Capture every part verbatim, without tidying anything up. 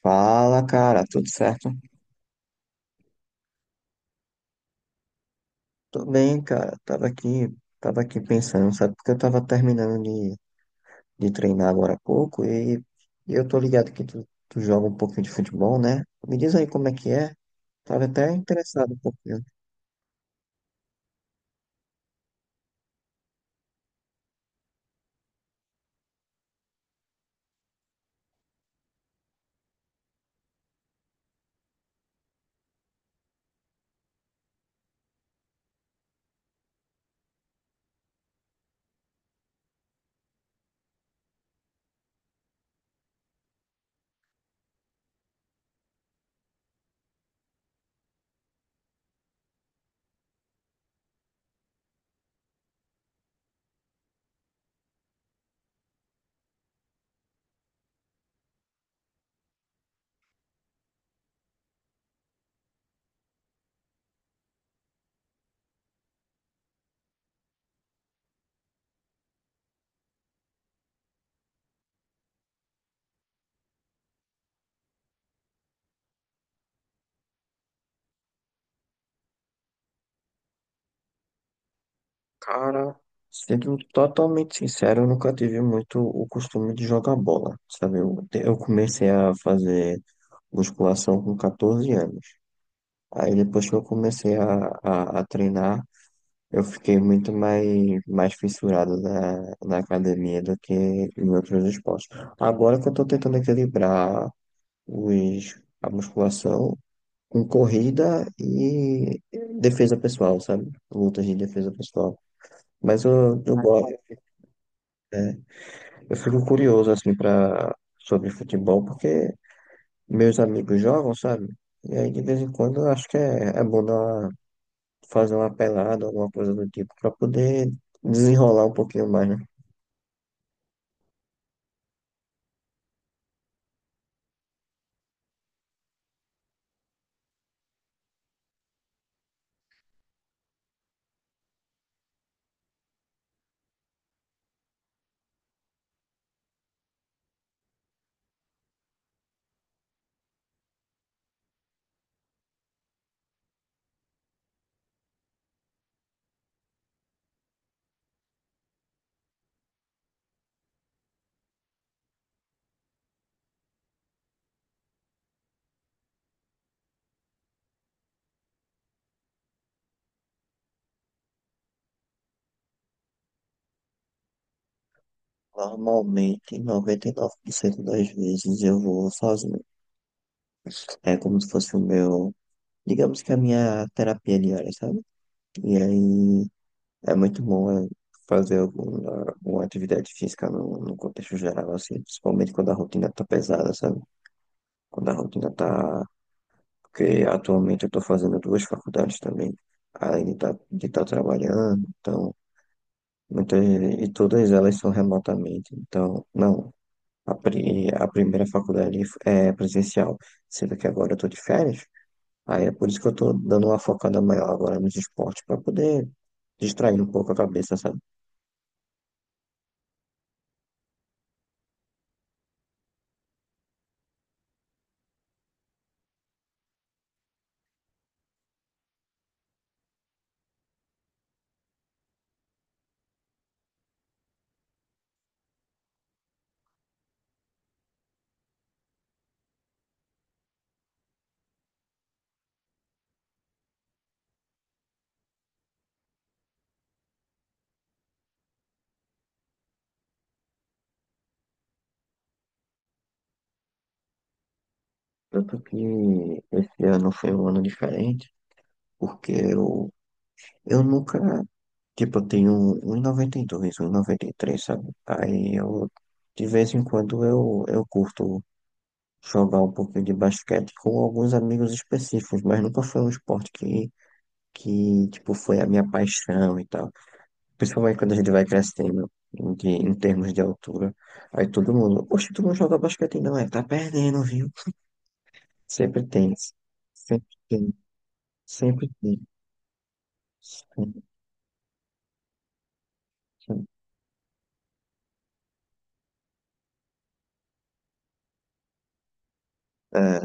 Fala, cara, tudo certo? Tudo bem, cara. Tava aqui, tava aqui pensando, sabe? Porque eu tava terminando de, de treinar agora há pouco e, e eu tô ligado que tu, tu joga um pouquinho de futebol, né? Me diz aí como é que é. Tava até interessado um pouquinho. Cara, sendo totalmente sincero, eu nunca tive muito o costume de jogar bola, sabe? Eu, eu comecei a fazer musculação com quatorze anos. Aí depois que eu comecei a, a, a treinar. Eu fiquei muito mais, mais fissurado na, na academia do que em outros esportes. Agora que eu estou tentando equilibrar os, a musculação com corrida e defesa pessoal, sabe? Lutas de defesa pessoal. Mas eu, eu, gosto, né? Eu fico curioso, assim, pra, sobre futebol, porque meus amigos jogam, sabe? E aí, de vez em quando, eu acho que é, é bom dar uma- fazer uma pelada, alguma coisa do tipo, para poder desenrolar um pouquinho mais, né? Normalmente, noventa e nove por cento das vezes eu vou sozinho. É como se fosse o meu, digamos que a minha terapia diária, sabe? E aí é muito bom é, fazer alguma, alguma atividade física no, no contexto geral, assim, principalmente quando a rotina tá pesada, sabe? Quando a rotina tá. Porque atualmente eu tô fazendo duas faculdades também, além de estar de tá trabalhando, então. Muitas, e todas elas são remotamente, então, não. A, pri- a primeira faculdade é presencial, sendo que agora eu tô de férias. Aí é por isso que eu tô dando uma focada maior agora nos esportes, para poder distrair um pouco a cabeça, sabe? Tanto que esse ano foi um ano diferente, porque eu, eu nunca. Tipo, eu tenho um vírgula noventa e dois, um vírgula noventa e três, sabe? Aí eu, de vez em quando, eu, eu curto jogar um pouquinho de basquete com alguns amigos específicos, mas nunca foi um esporte que que, tipo, foi a minha paixão e tal. Principalmente quando a gente vai crescendo de, em termos de altura. Aí todo mundo, poxa, tu não joga basquete não, é, tá perdendo, viu? Sempre tem, sempre tem, sempre tem. Sempre tem. É,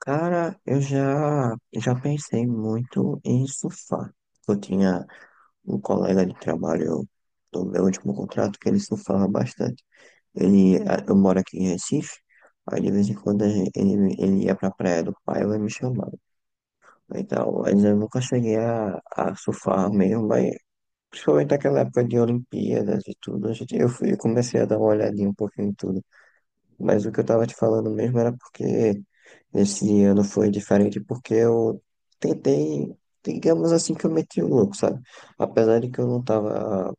cara, eu já, já pensei muito em surfar. Eu tinha um colega de trabalho do meu último contrato que ele surfava bastante. Ele, a- eu moro aqui em Recife, aí de vez em quando a gen- ele, ele ia pra praia do pai, ela me chamava. Então, mas eu nunca cheguei a, a surfar mesmo, mas principalmente naquela época de Olimpíadas e tudo, a gente, eu fui, eu comecei a dar uma olhadinha um pouquinho em tudo. Mas o que eu tava te falando mesmo era porque esse ano foi diferente, porque eu tentei, digamos assim, que eu meti o louco, sabe? Apesar de que eu não tava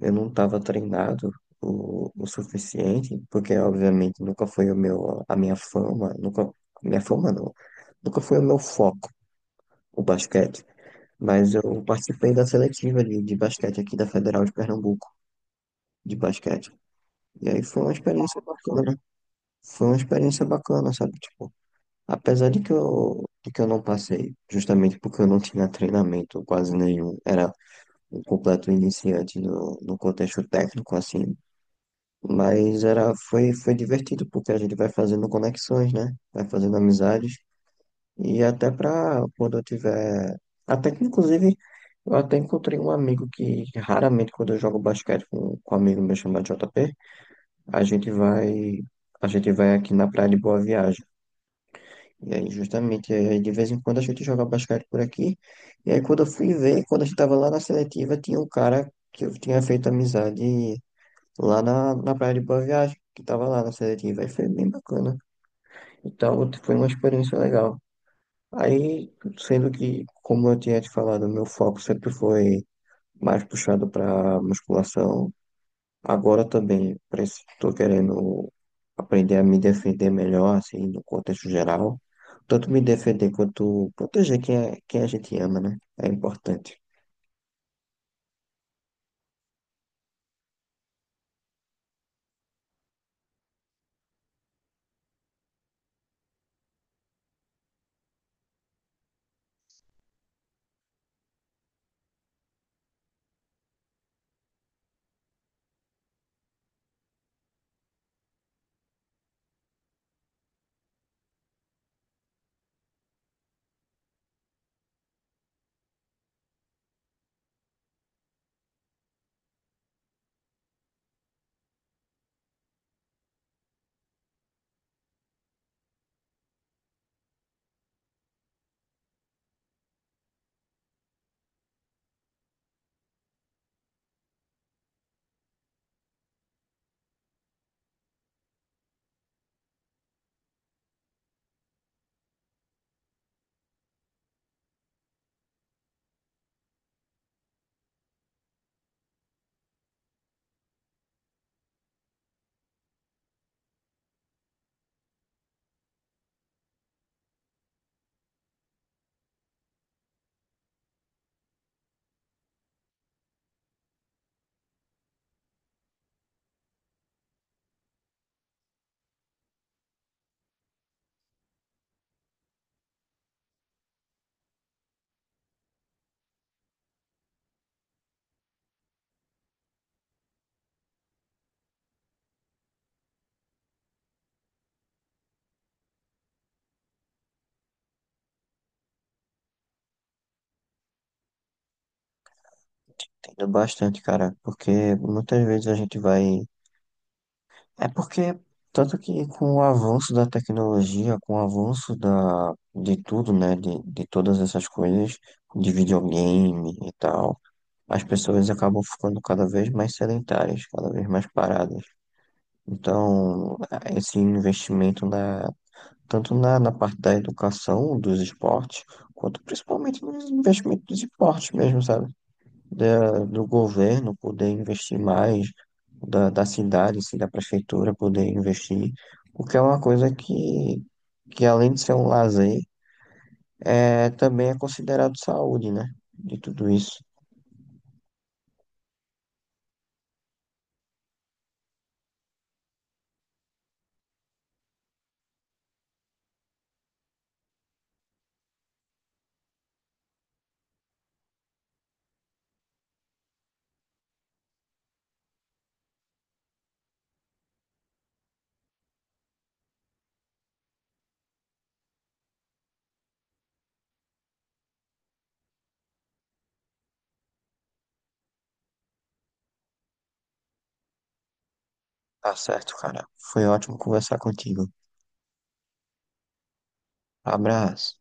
eu não estava treinado o, o suficiente, porque obviamente nunca foi o meu, a minha fama, nunca, minha fama não, nunca foi o meu foco, o basquete. Mas eu participei da seletiva de, de basquete aqui da Federal de Pernambuco, de basquete. E aí foi uma experiência bacana, né? Foi uma experiência bacana, sabe? Tipo, apesar de que eu, de que eu não passei, justamente porque eu não tinha treinamento quase nenhum, era um completo iniciante no, no contexto técnico, assim. Mas era, foi, foi divertido, porque a gente vai fazendo conexões, né? Vai fazendo amizades. E até pra quando eu tiver. Até que, inclusive, eu até encontrei um amigo que raramente, quando eu jogo basquete com, com um amigo meu chamado jota pê, a gente vai. A gente vai aqui na Praia de Boa Viagem. E aí, justamente, aí, de vez em quando a gente joga basquete por aqui. E aí, quando eu fui ver, quando a gente tava lá na seletiva, tinha um cara que eu tinha feito amizade lá na, na praia de Boa Viagem, que tava lá na seletiva, e foi bem bacana. Então, foi uma experiência legal. Aí, sendo que, como eu tinha te falado, meu foco sempre foi mais puxado para musculação, agora também estou querendo aprender a me defender melhor, assim, no contexto geral. Tanto me defender quanto proteger quem, é- quem a gente ama, né? É importante. Entendo bastante, cara, porque muitas vezes a gente vai. É porque, tanto que com o avanço da tecnologia, com o avanço da, de tudo, né, de, de todas essas coisas, de videogame e tal, as pessoas acabam ficando cada vez mais sedentárias, cada vez mais paradas. Então, esse investimento na, tanto na, na parte da educação, dos esportes, quanto principalmente nos investimentos dos esportes mesmo, sabe? Da- do governo poder investir mais, da, da cidade, se da prefeitura poder investir, porque é uma coisa que, que além de ser um lazer, é, também é considerado saúde, né? De tudo isso. Tá certo, cara. Foi ótimo conversar contigo. Abraço.